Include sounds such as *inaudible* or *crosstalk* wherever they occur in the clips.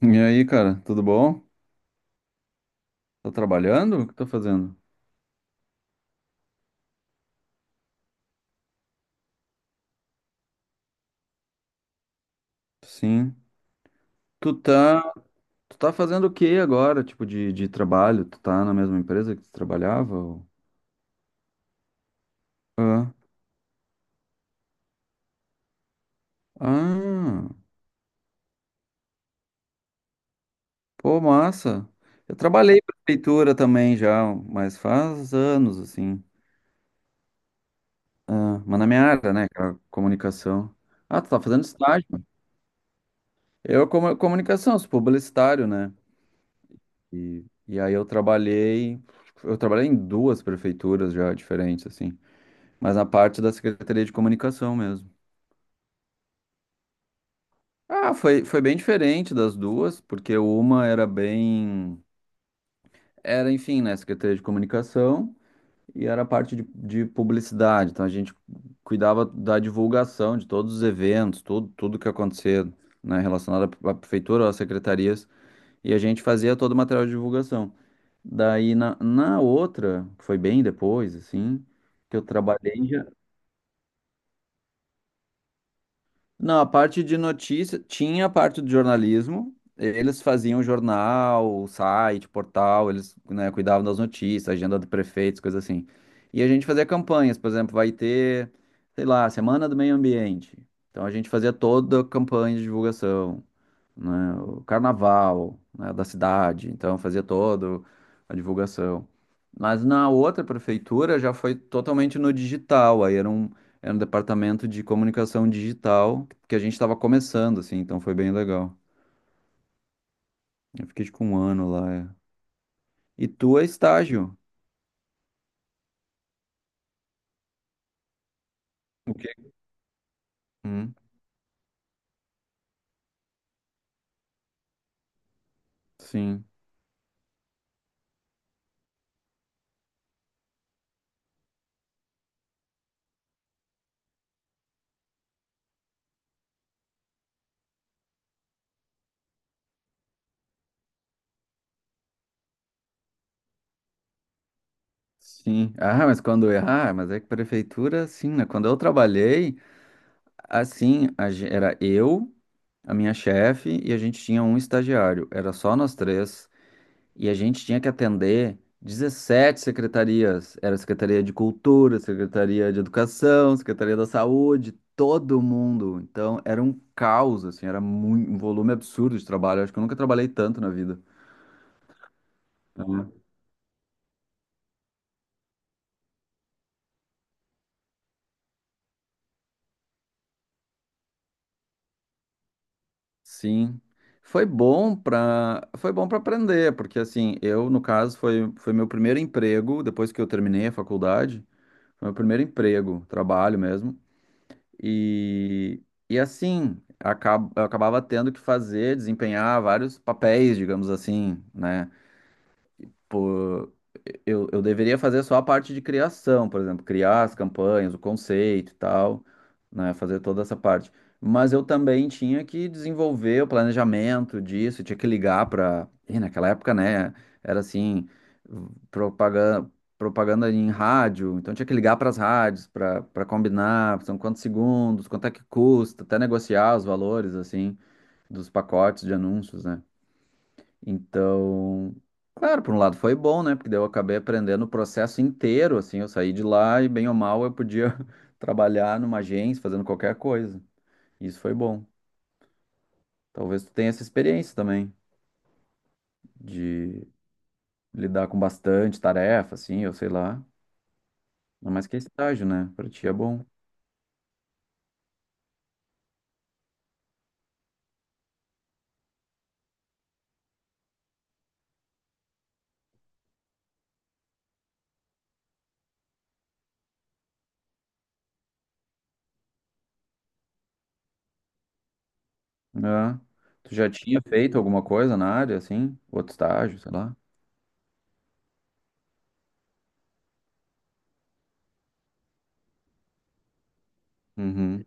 E aí, cara, tudo bom? Tá trabalhando? O que tá fazendo? Sim. Tu tá, tu tá fazendo o que agora, tipo, de trabalho? Tu tá na mesma empresa que tu trabalhava? Ou- ah, ah, pô, massa. Eu trabalhei pra prefeitura também já, mas faz anos, assim. Ah, mas na minha área, né, cara, comunicação. Ah, tu tá fazendo estágio. Eu, como comunicação, sou publicitário, né? E, e aí eu trabalhei em duas prefeituras já diferentes, assim, mas na parte da Secretaria de Comunicação mesmo. Ah, foi, foi bem diferente das duas, porque uma era bem. Era, enfim, né? Secretaria de Comunicação e era a parte de publicidade. Então a gente cuidava da divulgação de todos os eventos, tudo, tudo que acontecia, né, relacionado à prefeitura, às secretarias, e a gente fazia todo o material de divulgação. Daí na outra, que foi bem depois, assim, que eu trabalhei já. Não, a parte de notícia, tinha a parte do jornalismo, eles faziam jornal, site, portal, eles, né, cuidavam das notícias, agenda do prefeito, coisas assim. E a gente fazia campanhas. Por exemplo, vai ter, sei lá, Semana do Meio Ambiente. Então a gente fazia toda a campanha de divulgação, né, o carnaval, né, da cidade, então fazia todo a divulgação. Mas na outra prefeitura já foi totalmente no digital. Era um departamento de comunicação digital que a gente estava começando, assim, então foi bem legal. Eu fiquei tipo 1 ano lá. É. E tu é estágio? O quê? Hum, sim. Sim. Ah, mas quando errar, mas é que prefeitura, sim, né? Quando eu trabalhei, assim, era eu, a minha chefe e a gente tinha um estagiário. Era só nós três e a gente tinha que atender 17 secretarias. Era Secretaria de Cultura, Secretaria de Educação, Secretaria da Saúde, todo mundo. Então era um caos, assim, era um volume absurdo de trabalho. Eu acho que eu nunca trabalhei tanto na vida. Uhum. Sim. Foi bom para aprender, porque assim, eu no caso foi meu primeiro emprego depois que eu terminei a faculdade, foi meu primeiro emprego, trabalho mesmo. E, e assim, eu acabava tendo que fazer, desempenhar vários papéis, digamos assim, né? Pô, eu deveria fazer só a parte de criação, por exemplo, criar as campanhas, o conceito e tal, né? Fazer toda essa parte. Mas eu também tinha que desenvolver o planejamento disso, tinha que ligar para. E naquela época, né? Era assim, propaganda, propaganda em rádio, então tinha que ligar para as rádios para combinar, são quantos segundos, quanto é que custa, até negociar os valores, assim, dos pacotes de anúncios, né? Então, claro, por um lado foi bom, né? Porque daí eu acabei aprendendo o processo inteiro, assim, eu saí de lá e bem ou mal eu podia *laughs* trabalhar numa agência, fazendo qualquer coisa. Isso foi bom. Talvez tu tenha essa experiência também de lidar com bastante tarefa, assim, eu sei lá. Ainda mais que é estágio, né? Pra ti é bom. É. Tu já tinha feito alguma coisa na área, assim? Outro estágio, sei lá. Uhum.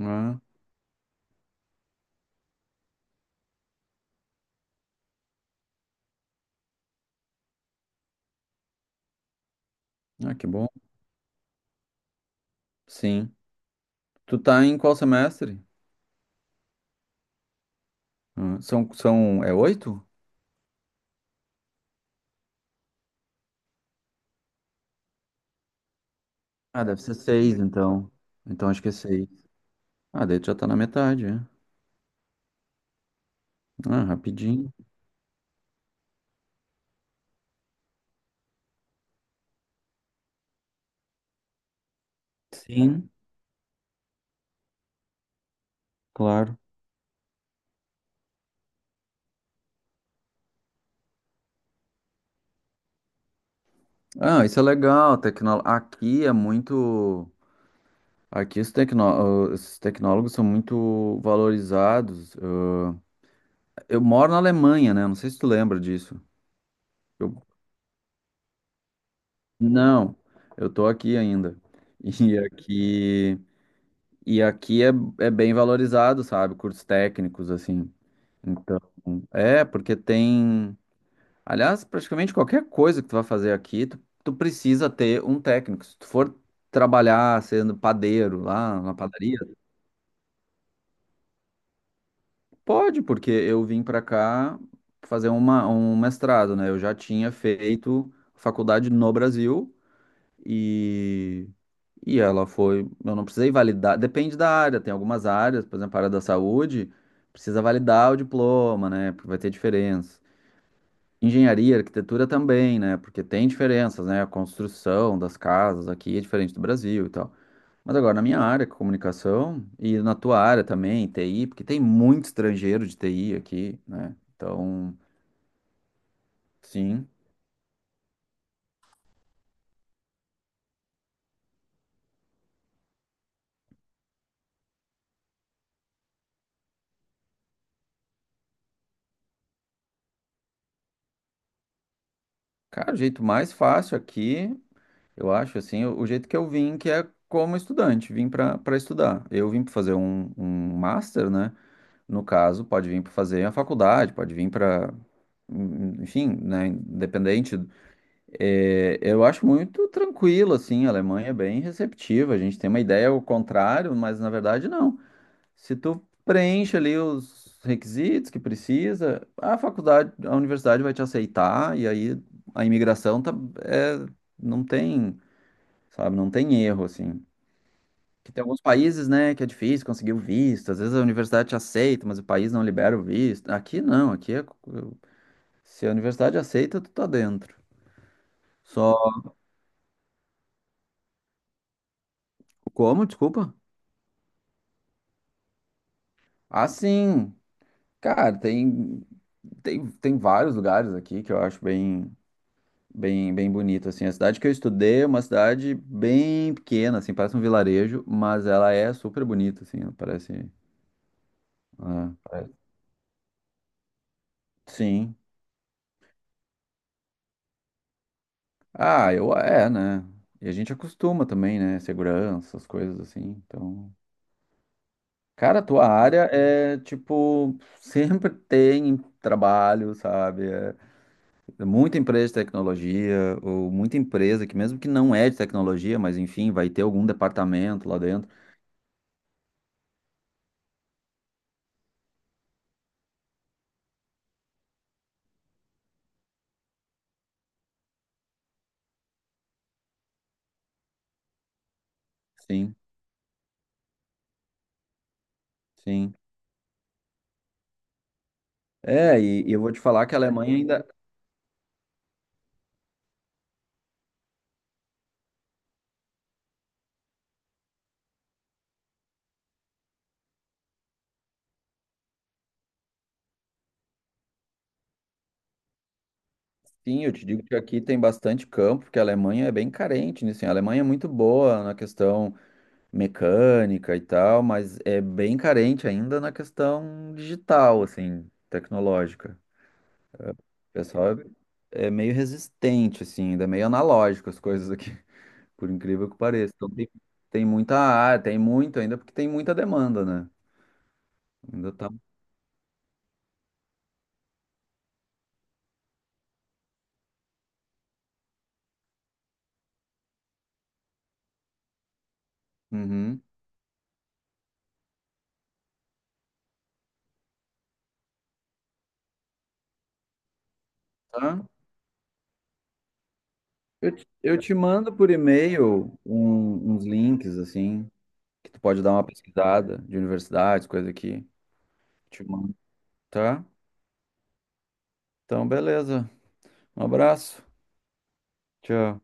Ah, ah, que bom. Sim. Tu tá em qual semestre? Ah, é oito? Ah, deve ser seis, então. Então acho que é seis. Ah, daí tu já tá na metade, né? Ah, rapidinho. Sim. Ah, isso é legal. Tecno... aqui é muito. Aqui os, tecno... os tecnólogos são muito valorizados. Eu moro na Alemanha, né? Não sei se tu lembra disso. Eu... não, eu tô aqui ainda. *laughs* E aqui. E aqui é, é bem valorizado, sabe? Cursos técnicos, assim. Então, é, porque tem. Aliás, praticamente qualquer coisa que tu vai fazer aqui, tu precisa ter um técnico. Se tu for trabalhar sendo padeiro lá na padaria, pode, porque eu vim pra cá fazer um mestrado, né? Eu já tinha feito faculdade no Brasil e, e ela foi. Eu não precisei validar, depende da área, tem algumas áreas, por exemplo, a área da saúde, precisa validar o diploma, né? Porque vai ter diferença. Engenharia, arquitetura também, né? Porque tem diferenças, né? A construção das casas aqui é diferente do Brasil e tal. Mas agora, na minha área, comunicação, e na tua área também, TI, porque tem muito estrangeiro de TI aqui, né? Então, sim. Cara, o jeito mais fácil aqui, eu acho, assim, o jeito que eu vim, que é como estudante, vim para estudar. Eu vim para fazer um master, né? No caso, pode vir para fazer a faculdade, pode vir para enfim, né, independente. É, eu acho muito tranquilo, assim, a Alemanha é bem receptiva. A gente tem uma ideia ao contrário, mas na verdade não. Se tu preenche ali os requisitos que precisa, a faculdade, a universidade vai te aceitar e aí a imigração tá, é, não tem, sabe, não tem erro, assim. Que tem alguns países, né, que é difícil conseguir o visto. Às vezes a universidade te aceita, mas o país não libera o visto. Aqui não, aqui é, se a universidade aceita, tu tá dentro. Só como, desculpa? Ah, sim. Cara, tem vários lugares aqui que eu acho bem bonito, assim. A cidade que eu estudei é uma cidade bem pequena, assim, parece um vilarejo, mas ela é super bonita, assim, ela parece... ah, parece- sim. Ah, eu... é, né? E a gente acostuma também, né? Segurança, essas coisas assim, então... Cara, a tua área é, tipo, *laughs* sempre tem trabalho, sabe? É, muita empresa de tecnologia, ou muita empresa que mesmo que não é de tecnologia, mas enfim, vai ter algum departamento lá dentro. Sim, sim. É, e eu vou te falar que a Alemanha ainda. Sim, eu te digo que aqui tem bastante campo, porque a Alemanha é bem carente nisso, hein? A Alemanha é muito boa na questão mecânica e tal, mas é bem carente ainda na questão digital, assim, tecnológica. O pessoal é meio resistente, assim, ainda é meio analógico as coisas aqui, por incrível que pareça. Então tem, tem muita área, tem muito ainda, porque tem muita demanda, né? Ainda tá. Uhum. Tá? Eu, eu te mando por e-mail uns links, assim, que tu pode dar uma pesquisada de universidades, coisa aqui. Te mando, tá? Então, beleza. Um abraço. Tchau.